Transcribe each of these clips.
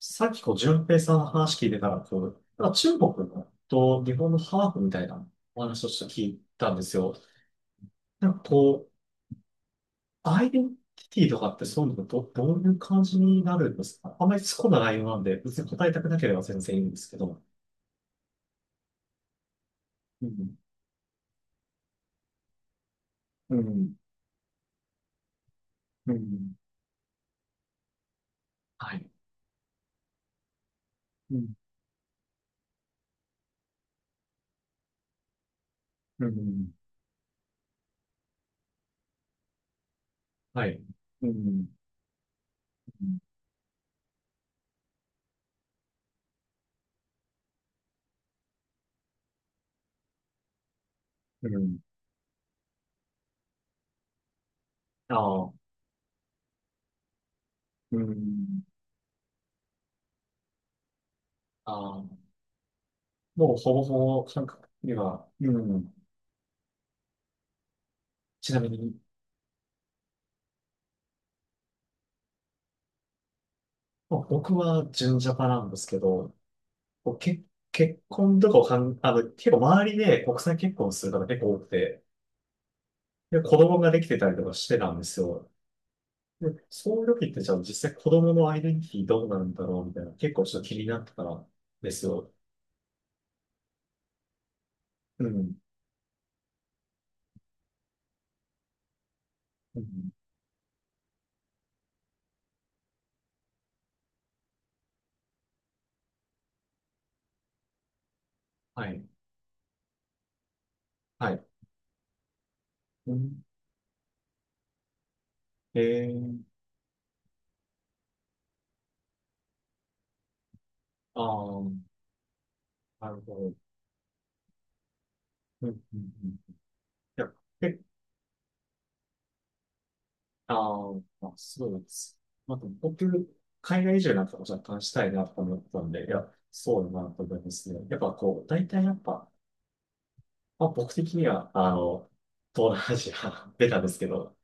さっきこう、淳平さんの話聞いてたら、こう、なんか中国のと日本のハーフみたいなお話をして聞いたんですよ。なんかこう、アイデンティティとかってそういうのどういう感じになるんですか？あんまり突っ込んだ内容なんで、別に答えたくなければ全然いいんですけど。うん、うん、うん、はい。うん、うん、はい。うん、うん、うん。ああ、うん、ああ、もうほぼほぼ感覚には、うん、ちなみに。まあ僕は純ジャパなんですけど、こうけ結婚とかをかん、あの、結構周りで国際結婚する方結構多くて、で、子供ができてたりとかしてたんですよ。で、そういう時ってじゃあ実際子供のアイデンティティどうなんだろうみたいな、結構ちょっと気になってたんですよ。うん。うん。はい。はい。うん、えー、ああ、なるほど。うん、うん、うん。いや、結あーまあ、そうです。まあ、でも僕、海外移住なんかも若干したいなと思ったんで、いや、そうだなと思いますね。やっぱこう、大体やっぱ、まあ、僕的には、あの、東南アジア出た ですけど、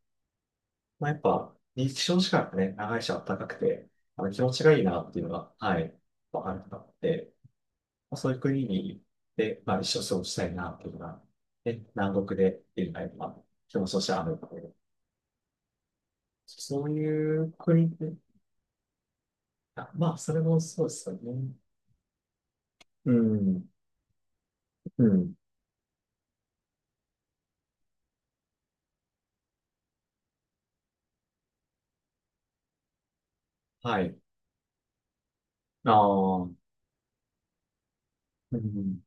まあ、やっぱ、日照時間がね、長いし暖かくて、あの、気持ちがいいなっていうのが、はい、わかるなって、まあ、そういう国に、で、まあ、一生過ごしたいなっていうのが、ね、南国で、っていうのが、まあ、気持ちとしてあるので、そういう国ってまあ、それもそうですよね。うん。うん。はい。ああ、うん。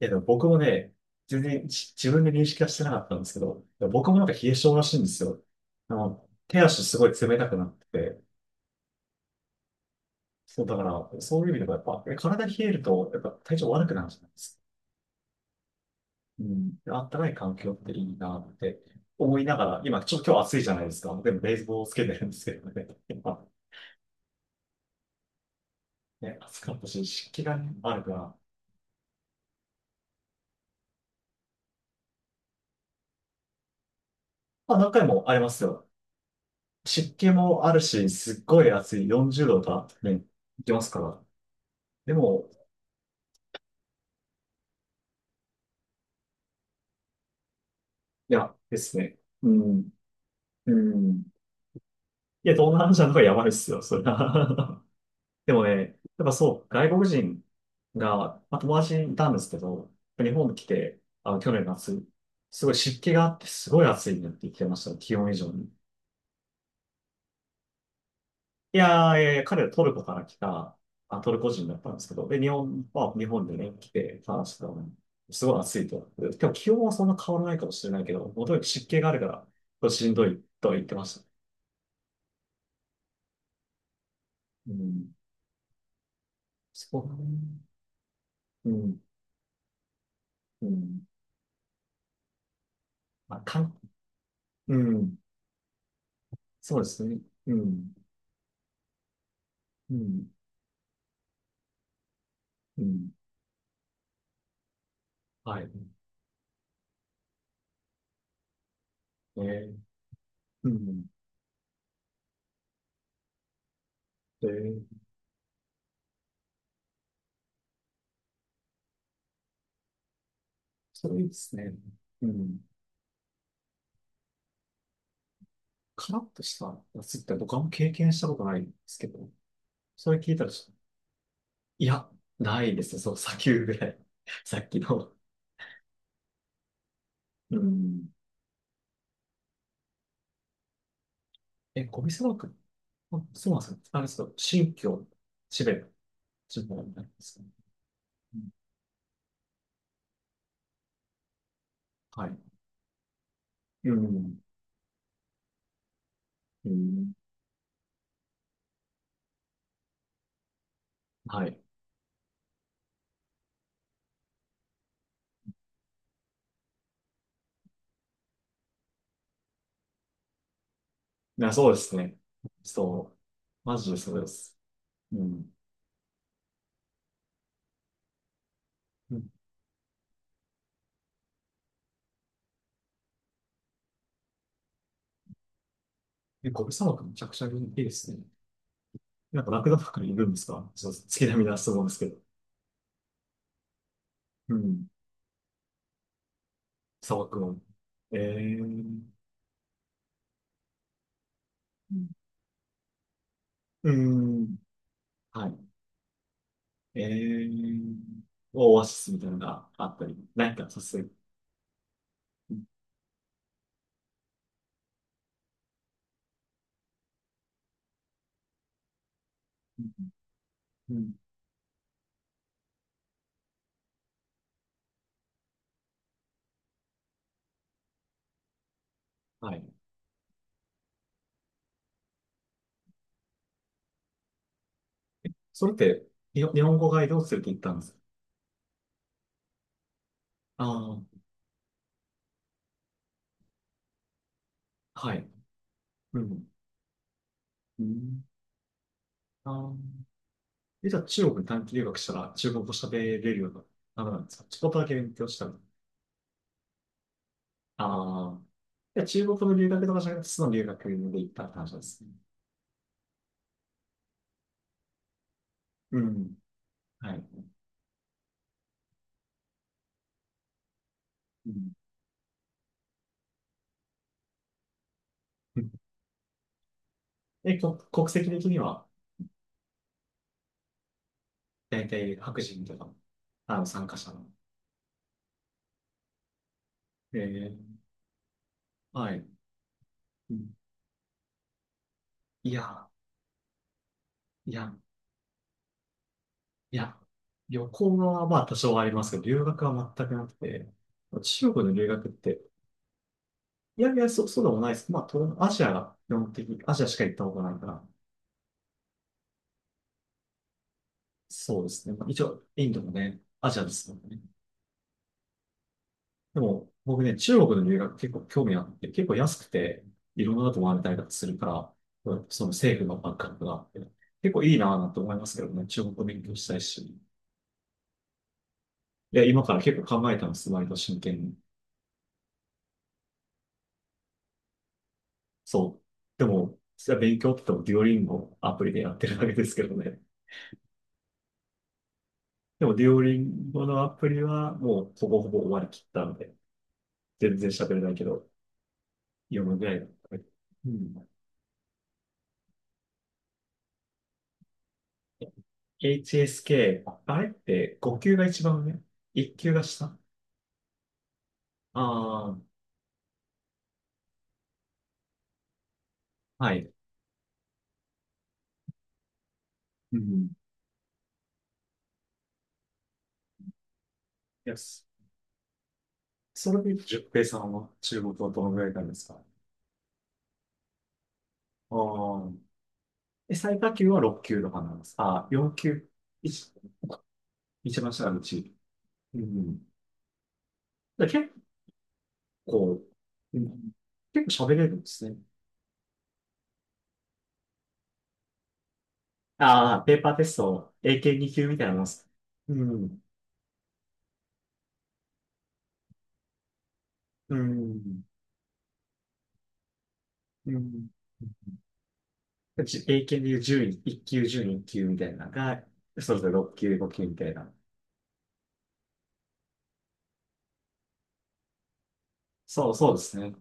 いや、でも僕もね、全然自分で認識はしてなかったんですけど、でも僕もなんか冷え性らしいんですよ。あの、手足すごい冷たくなってて、そう、だから、そういう意味でもやっぱ、体冷えると、やっぱ体調悪くなるじゃないですか。うん。であったかい環境っていいなって思いながら、今、今日暑いじゃないですか。でも、冷房をつけてるんですけどね。やっぱ、ね、暑かったし、湿気がねあるから、まあ、何回もありますよ。湿気もあるし、すっごい暑い、40度とかね、いきますから。でも、いや、ですね。うん、うん。いや、東南アジアの方がやばいっすよ、それは。でもね、やっぱそう、外国人が、まあ、友達いたんですけど、日本に来て、あの、去年の夏、すごい湿気があって、すごい暑いねって言ってました、気温以上に。いやー、いやいや、彼はトルコから来た、あ、トルコ人だったんですけど、で、まあ、日本でね、来て話してたのに、すごい暑いと。で今日気温はそんな変わらないかもしれないけど、もとに湿気があるから、これしんどいとは言ってました。うん。そうだね。うん。うん。まあ、うん。そうですね。うん。うん。うん。はい。えー、うん。で、それいいですね。うん。カラッとした夏って僕はあんま経験したことないんですけど、それ聞いたらちょっいや、ないですね。そう、砂丘ぐらい。さっきの。うん。え、ゴビ砂漠。あ、そうなんですか？あれです新疆、チベット、地方になりますね。うん。はい。うん。うん。はい。いや、そうですね。そう。マジでそうです。うん。うん。え、ゴビ砂漠めちゃくちゃいいですね。なんかラクダとかいるんですか？そう、月並みだと思うんですけど。うん。砂漠の。えー。うん。うん。はい。ええー、オアシスみたいなのがあったり、何かさせる。うん。うん。うん。はい。それって、日本語ガイドを連れて行ったんですか？ああ、はい。うん。うん。あー。え、じゃあ中国に短期留学したら中国語喋れるような、あれなんですか？ちょっとだけ勉強したら。ああ。いや、中国の留学とかじゃなくて、その留学で行ったって話ですね。うん。はい。うん。え、国籍的には、大体白人とか、あの、参加者の。ええ、はい。うん。いや、いや、いや、旅行はまあ多少はありますけど、留学は全くなくて、中国の留学って、いやいや、そうでもないです。まあ、東南アジアが基本的に、アジアしか行ったことないから、そうですね。まあ、一応、インドもね、アジアですもんね。でも、僕ね、中国の留学結構興味あって、結構安くて、いろんなとこ回れたりとかするから、その政府のバックアップがあって、結構いいなぁなんて思いますけどね、中国語勉強したいし。いや、今から結構考えたんです、割と真剣に。そう。でも、実は勉強って言ってもデュオリンゴアプリでやってるわけですけどね。でも、デュオリンゴのアプリはもうほぼほぼ終わりきったので、全然喋れないけど、読むぐらいだったね。うん。HSK、あれって5級が一番上 ?1 級が下？ああー、はい。うん。いし。それで、十平さんは中国はどのぐらいなんですか？ああー。え、最下級は6級とかなんですああ、4級。一、一番下がうち。うん。だから結こううん、結構喋れるんですね。ああ、ペーパーテスト、AK2 級みたいなもんです。うん、うん、うん。AK でいう10 1級、10 1級みたいなのが、それぞれ6級、5級みたいな。そう、そうですね。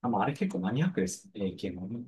あ、まあ、あれ結構マニアックです。AK もね。